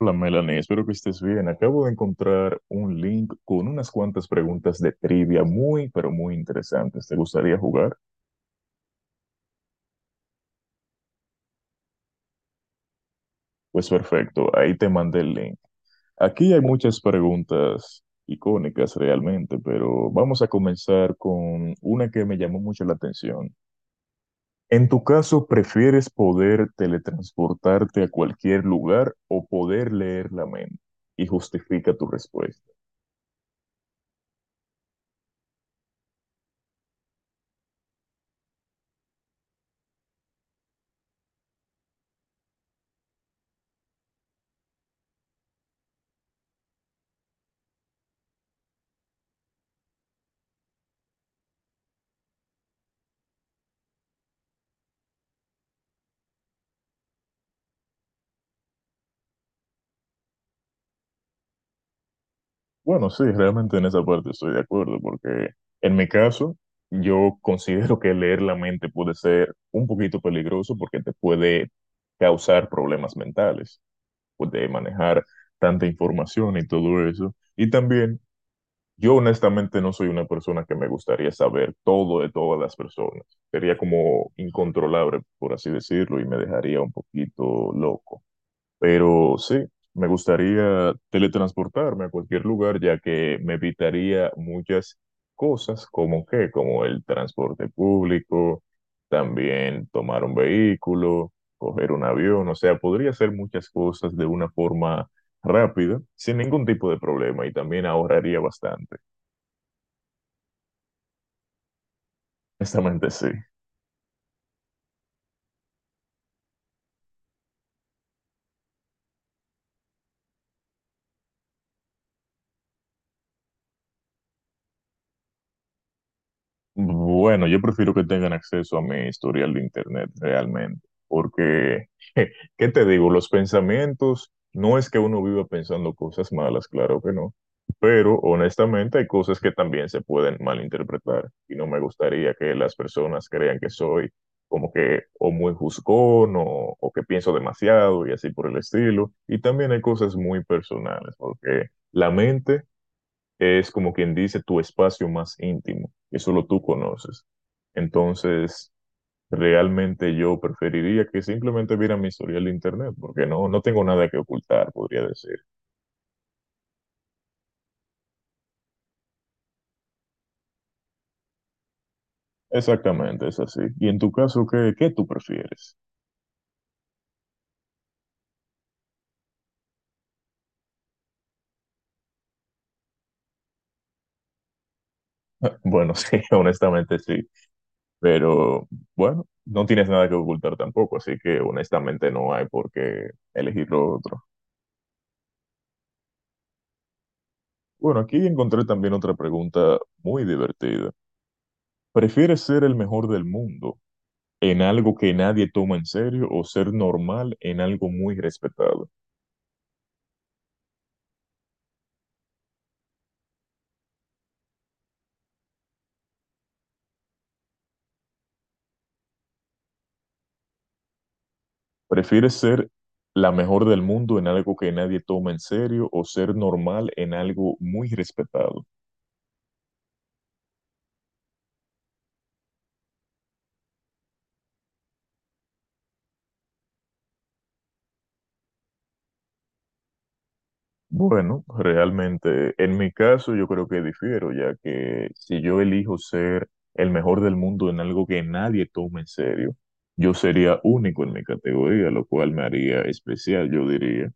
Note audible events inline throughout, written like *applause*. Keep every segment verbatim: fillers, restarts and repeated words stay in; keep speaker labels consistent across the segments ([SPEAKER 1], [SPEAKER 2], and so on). [SPEAKER 1] Hola Melanie, espero que estés bien. Acabo de encontrar un link con unas cuantas preguntas de trivia muy, pero muy interesantes. ¿Te gustaría jugar? Pues perfecto, ahí te mandé el link. Aquí hay muchas preguntas icónicas realmente, pero vamos a comenzar con una que me llamó mucho la atención. En tu caso, ¿prefieres poder teletransportarte a cualquier lugar o poder leer la mente? Y justifica tu respuesta. Bueno, sí, realmente en esa parte estoy de acuerdo, porque en mi caso, yo considero que leer la mente puede ser un poquito peligroso porque te puede causar problemas mentales, puede manejar tanta información y todo eso. Y también, yo honestamente no soy una persona que me gustaría saber todo de todas las personas. Sería como incontrolable, por así decirlo, y me dejaría un poquito loco. Pero sí, me gustaría teletransportarme a cualquier lugar, ya que me evitaría muchas cosas, como que, como el transporte público, también tomar un vehículo, coger un avión, o sea, podría hacer muchas cosas de una forma rápida, sin ningún tipo de problema, y también ahorraría bastante. *laughs* Honestamente, sí. Bueno, yo prefiero que tengan acceso a mi historial de internet realmente, porque, *laughs* ¿qué te digo? Los pensamientos, no es que uno viva pensando cosas malas, claro que no, pero honestamente hay cosas que también se pueden malinterpretar y no me gustaría que las personas crean que soy como que o muy juzgón o, o que pienso demasiado y así por el estilo. Y también hay cosas muy personales, porque la mente es como quien dice tu espacio más íntimo, que solo tú conoces. Entonces, realmente yo preferiría que simplemente vieran mi historial de internet, porque no, no tengo nada que ocultar, podría decir. Exactamente, es así. Y en tu caso, ¿qué, qué tú prefieres? *laughs* Bueno, sí, *laughs* honestamente sí, pero bueno, no tienes nada que ocultar tampoco, así que honestamente no hay por qué elegir lo otro. Bueno, aquí encontré también otra pregunta muy divertida. ¿Prefieres ser el mejor del mundo en algo que nadie toma en serio o ser normal en algo muy respetado? ¿Prefieres ser la mejor del mundo en algo que nadie toma en serio o ser normal en algo muy respetado? Bueno, realmente en mi caso yo creo que difiero, ya que si yo elijo ser el mejor del mundo en algo que nadie toma en serio, yo sería único en mi categoría, lo cual me haría especial, yo diría.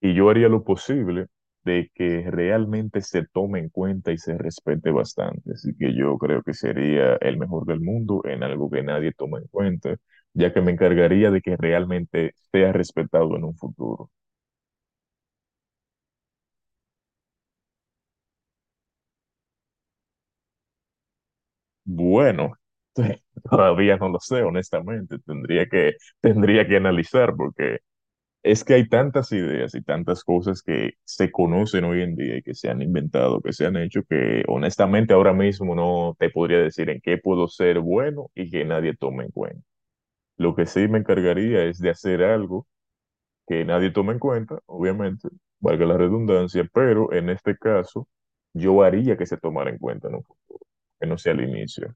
[SPEAKER 1] Y yo haría lo posible de que realmente se tome en cuenta y se respete bastante. Así que yo creo que sería el mejor del mundo en algo que nadie toma en cuenta, ya que me encargaría de que realmente sea respetado en un futuro. Bueno, *laughs* todavía no lo sé, honestamente. Tendría que, tendría que analizar porque es que hay tantas ideas y tantas cosas que se conocen hoy en día y que se han inventado, que se han hecho, que honestamente ahora mismo no te podría decir en qué puedo ser bueno y que nadie tome en cuenta. Lo que sí me encargaría es de hacer algo que nadie tome en cuenta, obviamente, valga la redundancia, pero en este caso yo haría que se tomara en cuenta, ¿no? Que no sea al inicio.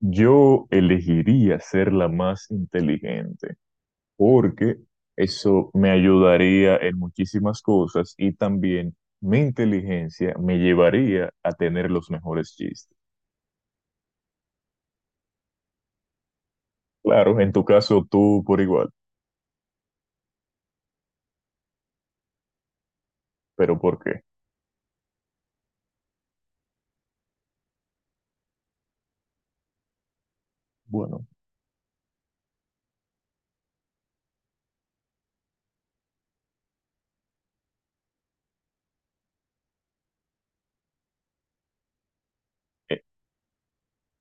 [SPEAKER 1] Yo elegiría ser la más inteligente porque eso me ayudaría en muchísimas cosas y también mi inteligencia me llevaría a tener los mejores chistes. Claro, en tu caso tú por igual, pero ¿por qué? Bueno, e-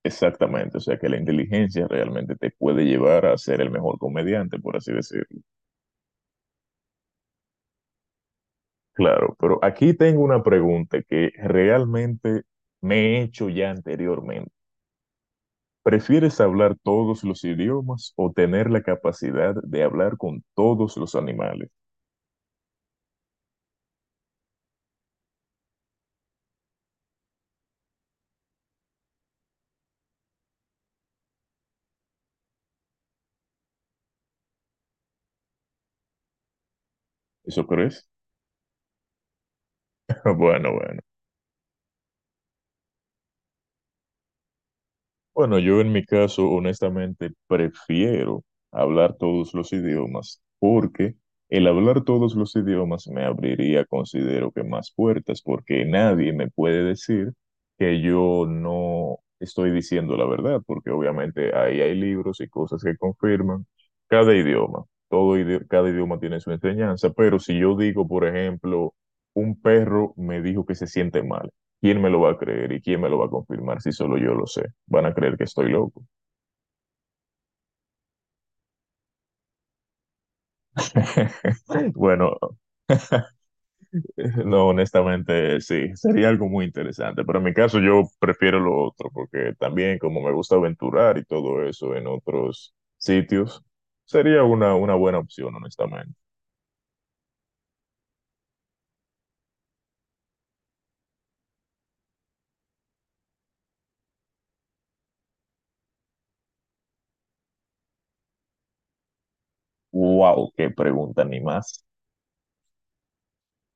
[SPEAKER 1] exactamente, o sea que la inteligencia realmente te puede llevar a ser el mejor comediante, por así decirlo. Claro, pero aquí tengo una pregunta que realmente me he hecho ya anteriormente. ¿Prefieres hablar todos los idiomas o tener la capacidad de hablar con todos los animales? ¿Eso crees? *laughs* Bueno, bueno. Bueno, yo en mi caso, honestamente, prefiero hablar todos los idiomas porque el hablar todos los idiomas me abriría, considero que más puertas, porque nadie me puede decir que yo no estoy diciendo la verdad, porque obviamente ahí hay libros y cosas que confirman cada idioma. Todo idi- cada idioma tiene su enseñanza, pero si yo digo, por ejemplo, un perro me dijo que se siente mal. ¿Quién me lo va a creer y quién me lo va a confirmar si solo yo lo sé? Van a creer que estoy loco. *laughs* Bueno, no, honestamente sí, sería algo muy interesante, pero en mi caso yo prefiero lo otro porque también como me gusta aventurar y todo eso en otros sitios, sería una, una buena opción, honestamente. Wow, qué pregunta, ni más.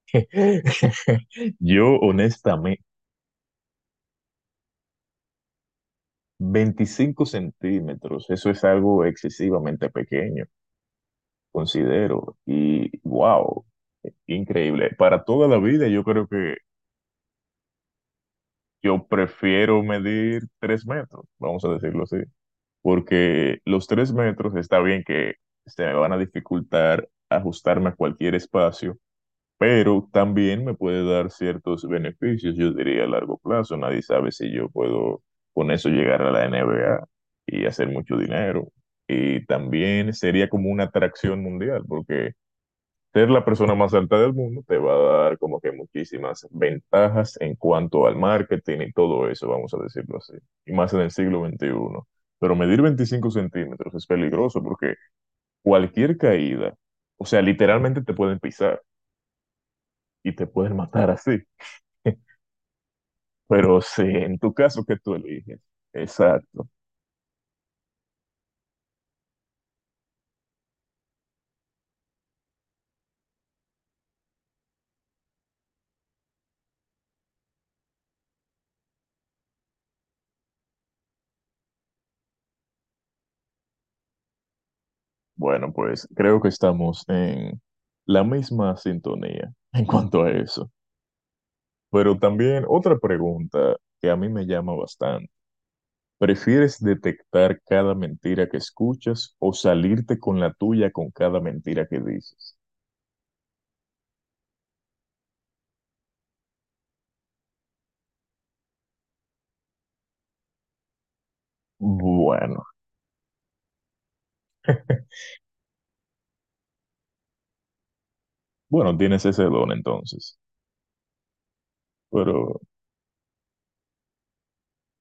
[SPEAKER 1] *laughs* Yo honestamente, veinticinco centímetros, eso es algo excesivamente pequeño considero. Y wow, increíble. Para toda la vida yo creo que yo prefiero medir tres metros, vamos a decirlo así, porque los tres metros está bien que se me van a dificultar ajustarme a cualquier espacio, pero también me puede dar ciertos beneficios, yo diría a largo plazo. Nadie sabe si yo puedo con eso llegar a la N B A y hacer mucho dinero. Y también sería como una atracción mundial, porque ser la persona más alta del mundo te va a dar como que muchísimas ventajas en cuanto al marketing y todo eso, vamos a decirlo así, y más en el siglo veintiuno. Pero medir veinticinco centímetros es peligroso porque cualquier caída, o sea, literalmente te pueden pisar y te pueden matar así. *laughs* Pero sí, en tu caso que tú eliges, exacto. Bueno, pues creo que estamos en la misma sintonía en cuanto a eso. Pero también otra pregunta que a mí me llama bastante. ¿Prefieres detectar cada mentira que escuchas o salirte con la tuya con cada mentira que dices? Bueno, *laughs* bueno, tienes ese don entonces. Pero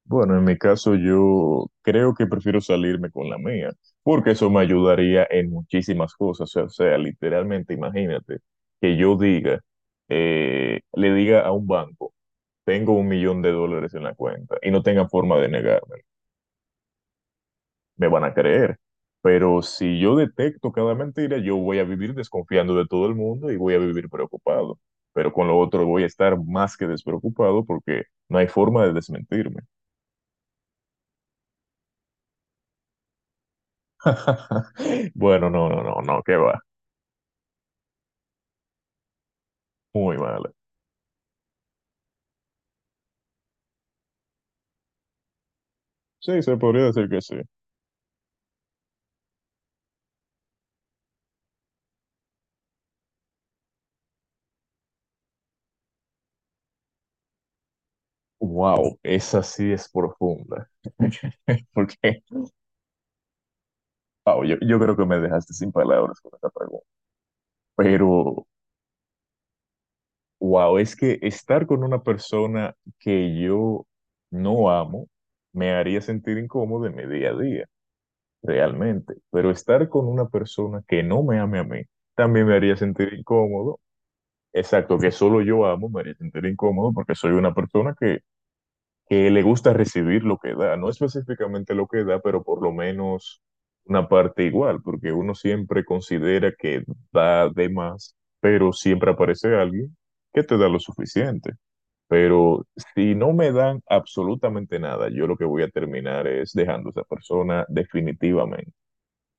[SPEAKER 1] bueno, en mi caso yo creo que prefiero salirme con la mía, porque eso me ayudaría en muchísimas cosas. O sea, literalmente imagínate que yo diga, eh, le diga a un banco, tengo un millón de dólares en la cuenta y no tenga forma de negarme. Me van a creer. Pero si yo detecto cada mentira, yo voy a vivir desconfiando de todo el mundo y voy a vivir preocupado. Pero con lo otro voy a estar más que despreocupado porque no hay forma de desmentirme. *laughs* Bueno, no, no, no, no, qué va. Muy mal. Sí, se podría decir que sí. Wow, esa sí es profunda. *laughs* Porque, wow, yo, yo creo que me dejaste sin palabras con esta pregunta. Pero wow, es que estar con una persona que yo no amo me haría sentir incómodo en mi día a día, realmente. Pero estar con una persona que no me ame a mí también me haría sentir incómodo. Exacto, que solo yo amo me haría sentir incómodo porque soy una persona que, que le gusta recibir lo que da. No específicamente lo que da, pero por lo menos una parte igual, porque uno siempre considera que da de más, pero siempre aparece alguien que te da lo suficiente. Pero si no me dan absolutamente nada, yo lo que voy a terminar es dejando a esa persona definitivamente.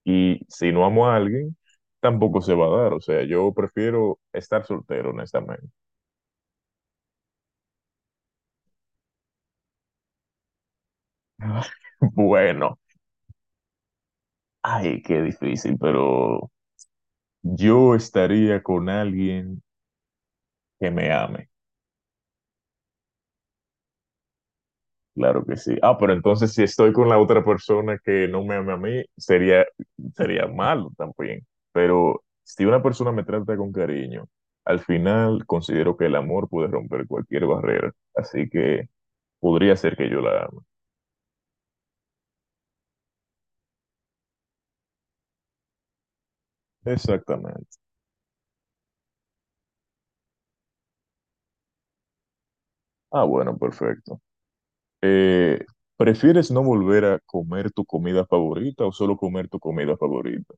[SPEAKER 1] Y si no amo a alguien, tampoco se va a dar. O sea, yo prefiero estar soltero, honestamente. *laughs* Bueno, ay, qué difícil, pero yo estaría con alguien que me ame. Claro que sí. Ah, pero entonces si estoy con la otra persona que no me ama a mí, sería, sería malo también. Pero si una persona me trata con cariño, al final considero que el amor puede romper cualquier barrera. Así que podría ser que yo la ame. Exactamente. Ah, bueno, perfecto. Eh, ¿prefieres no volver a comer tu comida favorita o solo comer tu comida favorita?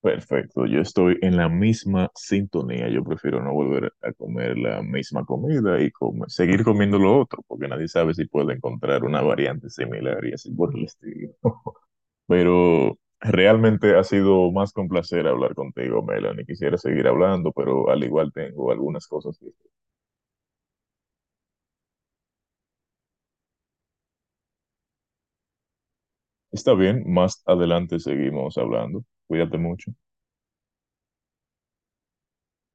[SPEAKER 1] Perfecto, yo estoy en la misma sintonía. Yo prefiero no volver a comer la misma comida y comer, seguir comiendo lo otro, porque nadie sabe si puede encontrar una variante similar y así por el estilo. Pero realmente ha sido más que un placer hablar contigo, Melanie. Quisiera seguir hablando, pero al igual tengo algunas cosas que... Está bien, más adelante seguimos hablando. Cuídate mucho.